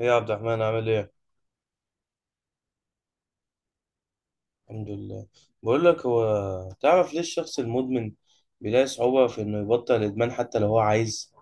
ايه يا عبد الرحمن عامل ايه؟ الحمد لله. بقول لك، هو تعرف ليه الشخص المدمن بيلاقي صعوبة في انه يبطل الادمان حتى لو هو عايز؟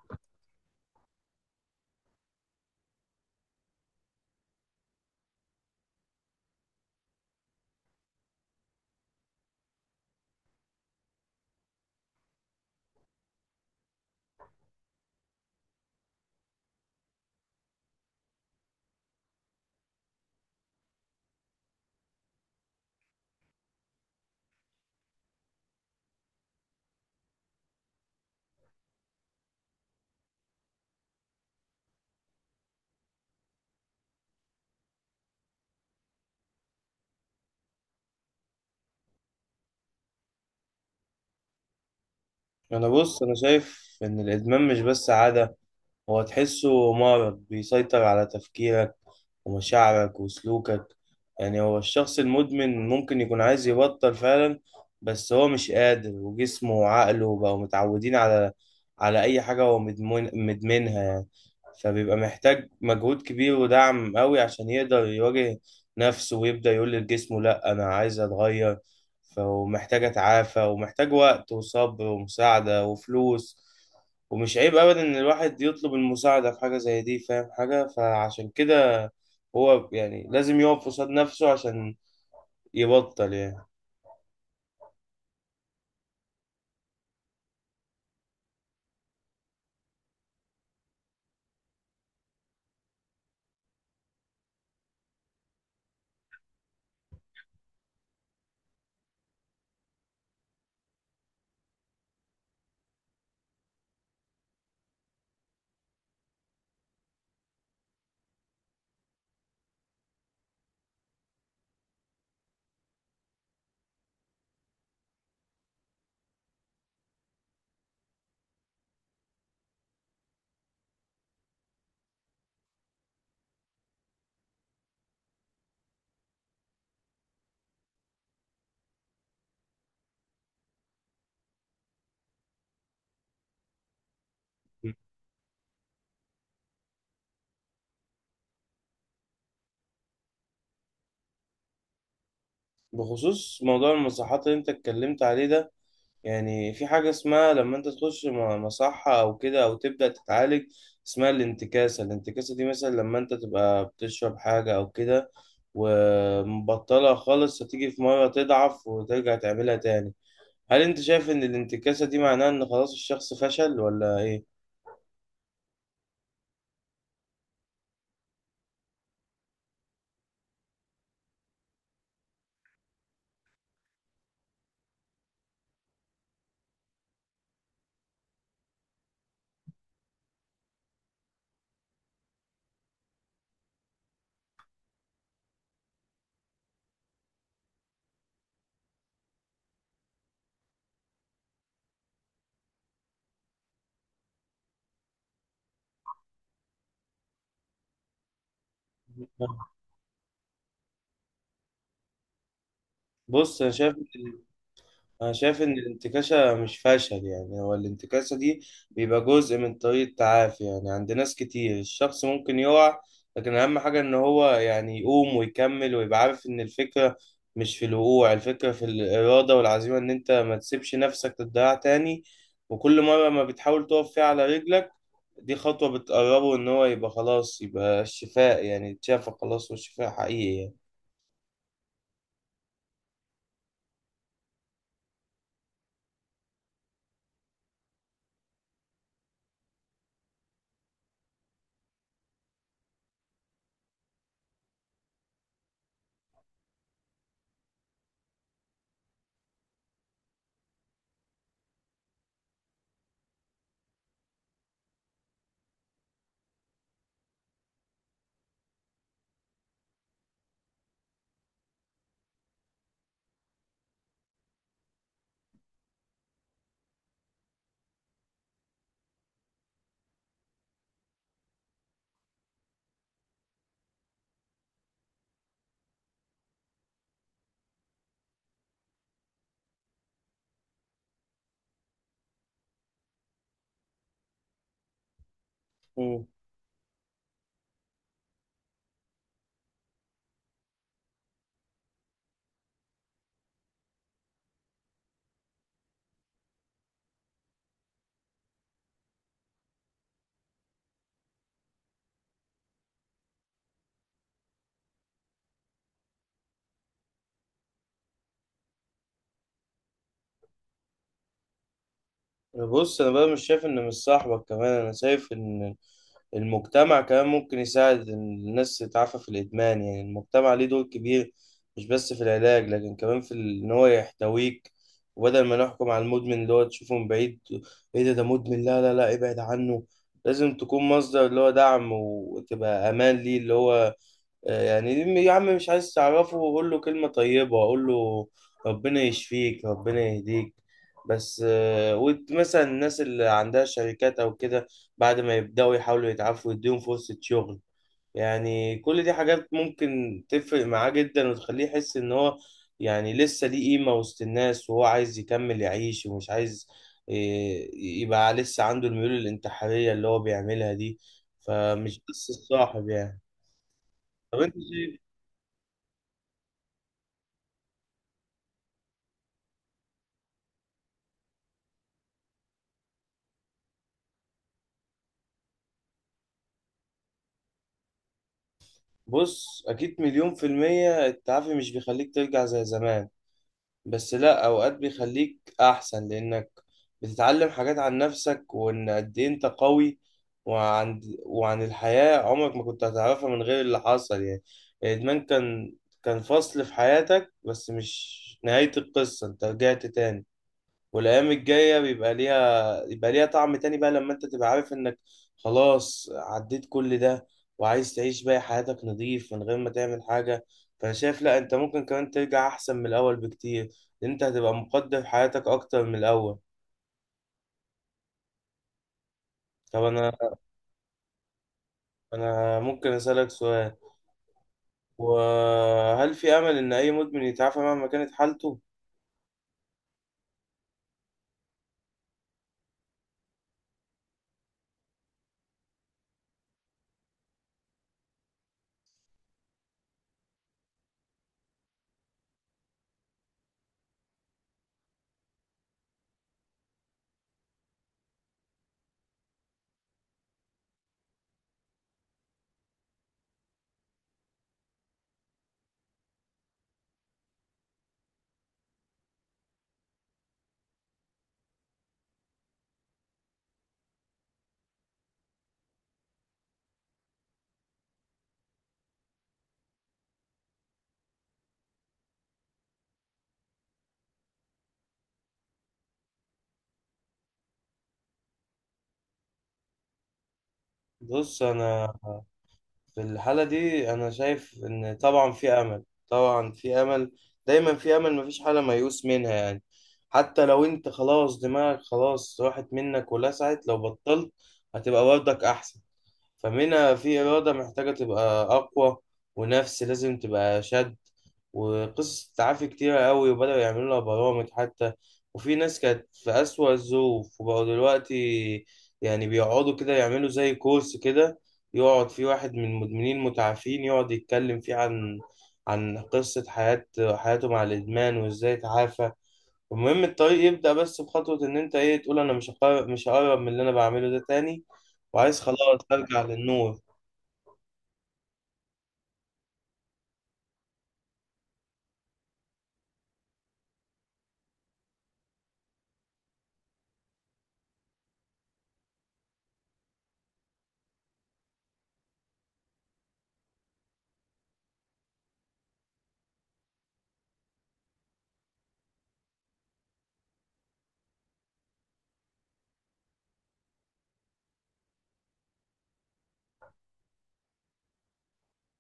انا بص، انا شايف ان الادمان مش بس عادة، هو تحسه مرض بيسيطر على تفكيرك ومشاعرك وسلوكك. يعني هو الشخص المدمن ممكن يكون عايز يبطل فعلا، بس هو مش قادر، وجسمه وعقله بقوا متعودين على أي حاجة هو مدمن مدمنها يعني. فبيبقى محتاج مجهود كبير ودعم قوي عشان يقدر يواجه نفسه ويبدأ يقول لجسمه لأ أنا عايز أتغير، فمحتاج أتعافى، ومحتاج وقت وصبر ومساعدة وفلوس. ومش عيب ابدا ان الواحد يطلب المساعده في حاجه زي دي، فاهم حاجه؟ فعشان كده هو يعني لازم يقف قصاد نفسه عشان يبطل يعني. بخصوص موضوع المصحات اللي انت اتكلمت عليه ده، يعني في حاجه اسمها لما انت تخش مصحه او كده او تبدا تتعالج، اسمها الانتكاسه. الانتكاسه دي مثلا لما انت تبقى بتشرب حاجه او كده ومبطلها خالص، هتيجي في مره تضعف وترجع تعملها تاني. هل انت شايف ان الانتكاسة دي معناها ان خلاص الشخص فشل ولا ايه؟ بص انا شايف، ان الانتكاسة مش فشل يعني. هو الانتكاسة دي بيبقى جزء من طريق التعافي يعني، عند ناس كتير الشخص ممكن يقع، لكن اهم حاجة ان هو يعني يقوم ويكمل، ويبقى عارف ان الفكرة مش في الوقوع، الفكرة في الإرادة والعزيمة، ان انت ما تسيبش نفسك تضيع تاني. وكل مرة ما بتحاول تقف فيها على رجلك، دي خطوة بتقربه إن هو يبقى خلاص، يبقى الشفاء يعني، اتشافى خلاص، والشفاء حقيقي يعني. مم. بص أنا بقى مش شايف إن مش صاحبك كمان، أنا شايف إن المجتمع كمان ممكن يساعد إن الناس تتعافى في الإدمان. يعني المجتمع ليه دور كبير مش بس في العلاج، لكن كمان في إن هو يحتويك. وبدل ما نحكم على المدمن اللي هو تشوفه من بعيد، إيه ده مدمن، لا لا لا ابعد عنه. لازم تكون مصدر اللي هو دعم، وتبقى أمان ليه اللي هو يعني، يا عم مش عايز تعرفه قول له كلمة طيبة، قول له ربنا يشفيك، ربنا يهديك بس. مثلا الناس اللي عندها شركات أو كده، بعد ما يبدأوا يحاولوا يتعافوا يديهم فرصة شغل. يعني كل دي حاجات ممكن تفرق معاه جدا، وتخليه يحس إن هو يعني لسه ليه قيمة وسط الناس، وهو عايز يكمل يعيش، ومش عايز آه، يبقى لسه عنده الميول الانتحارية اللي هو بيعملها دي. فمش بس الصاحب يعني. طب انت شايف؟ بص أكيد مليون في المية، التعافي مش بيخليك ترجع زي زمان، بس لأ، أوقات بيخليك أحسن، لأنك بتتعلم حاجات عن نفسك، وإن قد إيه أنت قوي، وعن الحياة، عمرك ما كنت هتعرفها من غير اللي حصل يعني. الإدمان كان فصل في حياتك بس مش نهاية القصة. أنت رجعت تاني، والايام الجايه بيبقى ليها، يبقى ليها طعم تاني بقى، لما انت تبقى عارف انك خلاص عديت كل ده، وعايز تعيش بقى حياتك نظيف من غير ما تعمل حاجه. فانا شايف لا، انت ممكن كمان ترجع احسن من الاول بكتير، لأن انت هتبقى مقدر حياتك اكتر من الاول. طب انا انا ممكن اسالك سؤال؟ وهل في امل ان اي مدمن يتعافى مهما كانت حالته؟ بص انا في الحالة دي أنا شايف إن طبعا في أمل، طبعا في أمل، دايما في أمل، مفيش حالة ميؤوس منها يعني. حتى لو أنت خلاص دماغك خلاص راحت منك ولسعت، لو بطلت هتبقى برضك أحسن. فمنها في إرادة محتاجة تبقى أقوى، ونفس لازم تبقى شد. وقصص تعافي كتيرة قوي، وبدأوا يعملوا لها برامج حتى، وفي ناس كانت في أسوأ الظروف وبقوا دلوقتي يعني بيقعدوا كده يعملوا زي كورس كده، يقعد فيه واحد من المدمنين المتعافين يقعد يتكلم فيه عن قصة حياته مع الإدمان وإزاي تعافى. المهم الطريق يبدأ بس بخطوة، إن أنت إيه تقول أنا مش هقرب، مش هقرب من اللي أنا بعمله ده تاني، وعايز خلاص أرجع للنور.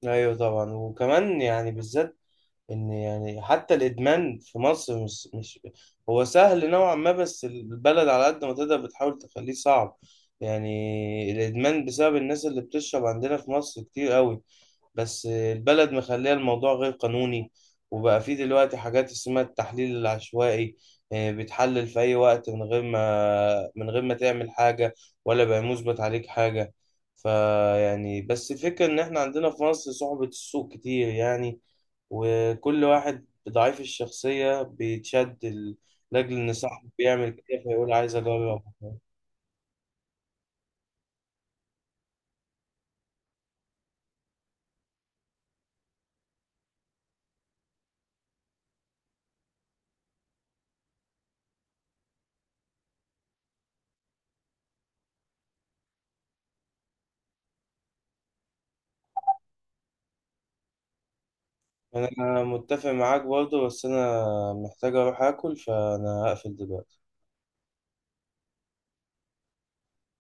أيوه طبعا، وكمان يعني بالذات إن يعني، حتى الإدمان في مصر مش هو سهل نوعا ما، بس البلد على قد ما تقدر بتحاول تخليه صعب. يعني الإدمان بسبب الناس اللي بتشرب عندنا في مصر كتير قوي، بس البلد مخليه الموضوع غير قانوني، وبقى فيه دلوقتي حاجات اسمها التحليل العشوائي، بتحلل في أي وقت من غير ما، من غير ما تعمل حاجة، ولا بقى مثبت عليك حاجة. فيعني بس الفكرة إن إحنا عندنا في مصر صعوبة السوق كتير يعني، وكل واحد ضعيف الشخصية بيتشد لأجل إن صاحبه بيعمل كده، فيقول عايز أجرب. أنا متفق معاك برضه، بس أنا محتاج أروح آكل فأنا هقفل دلوقتي.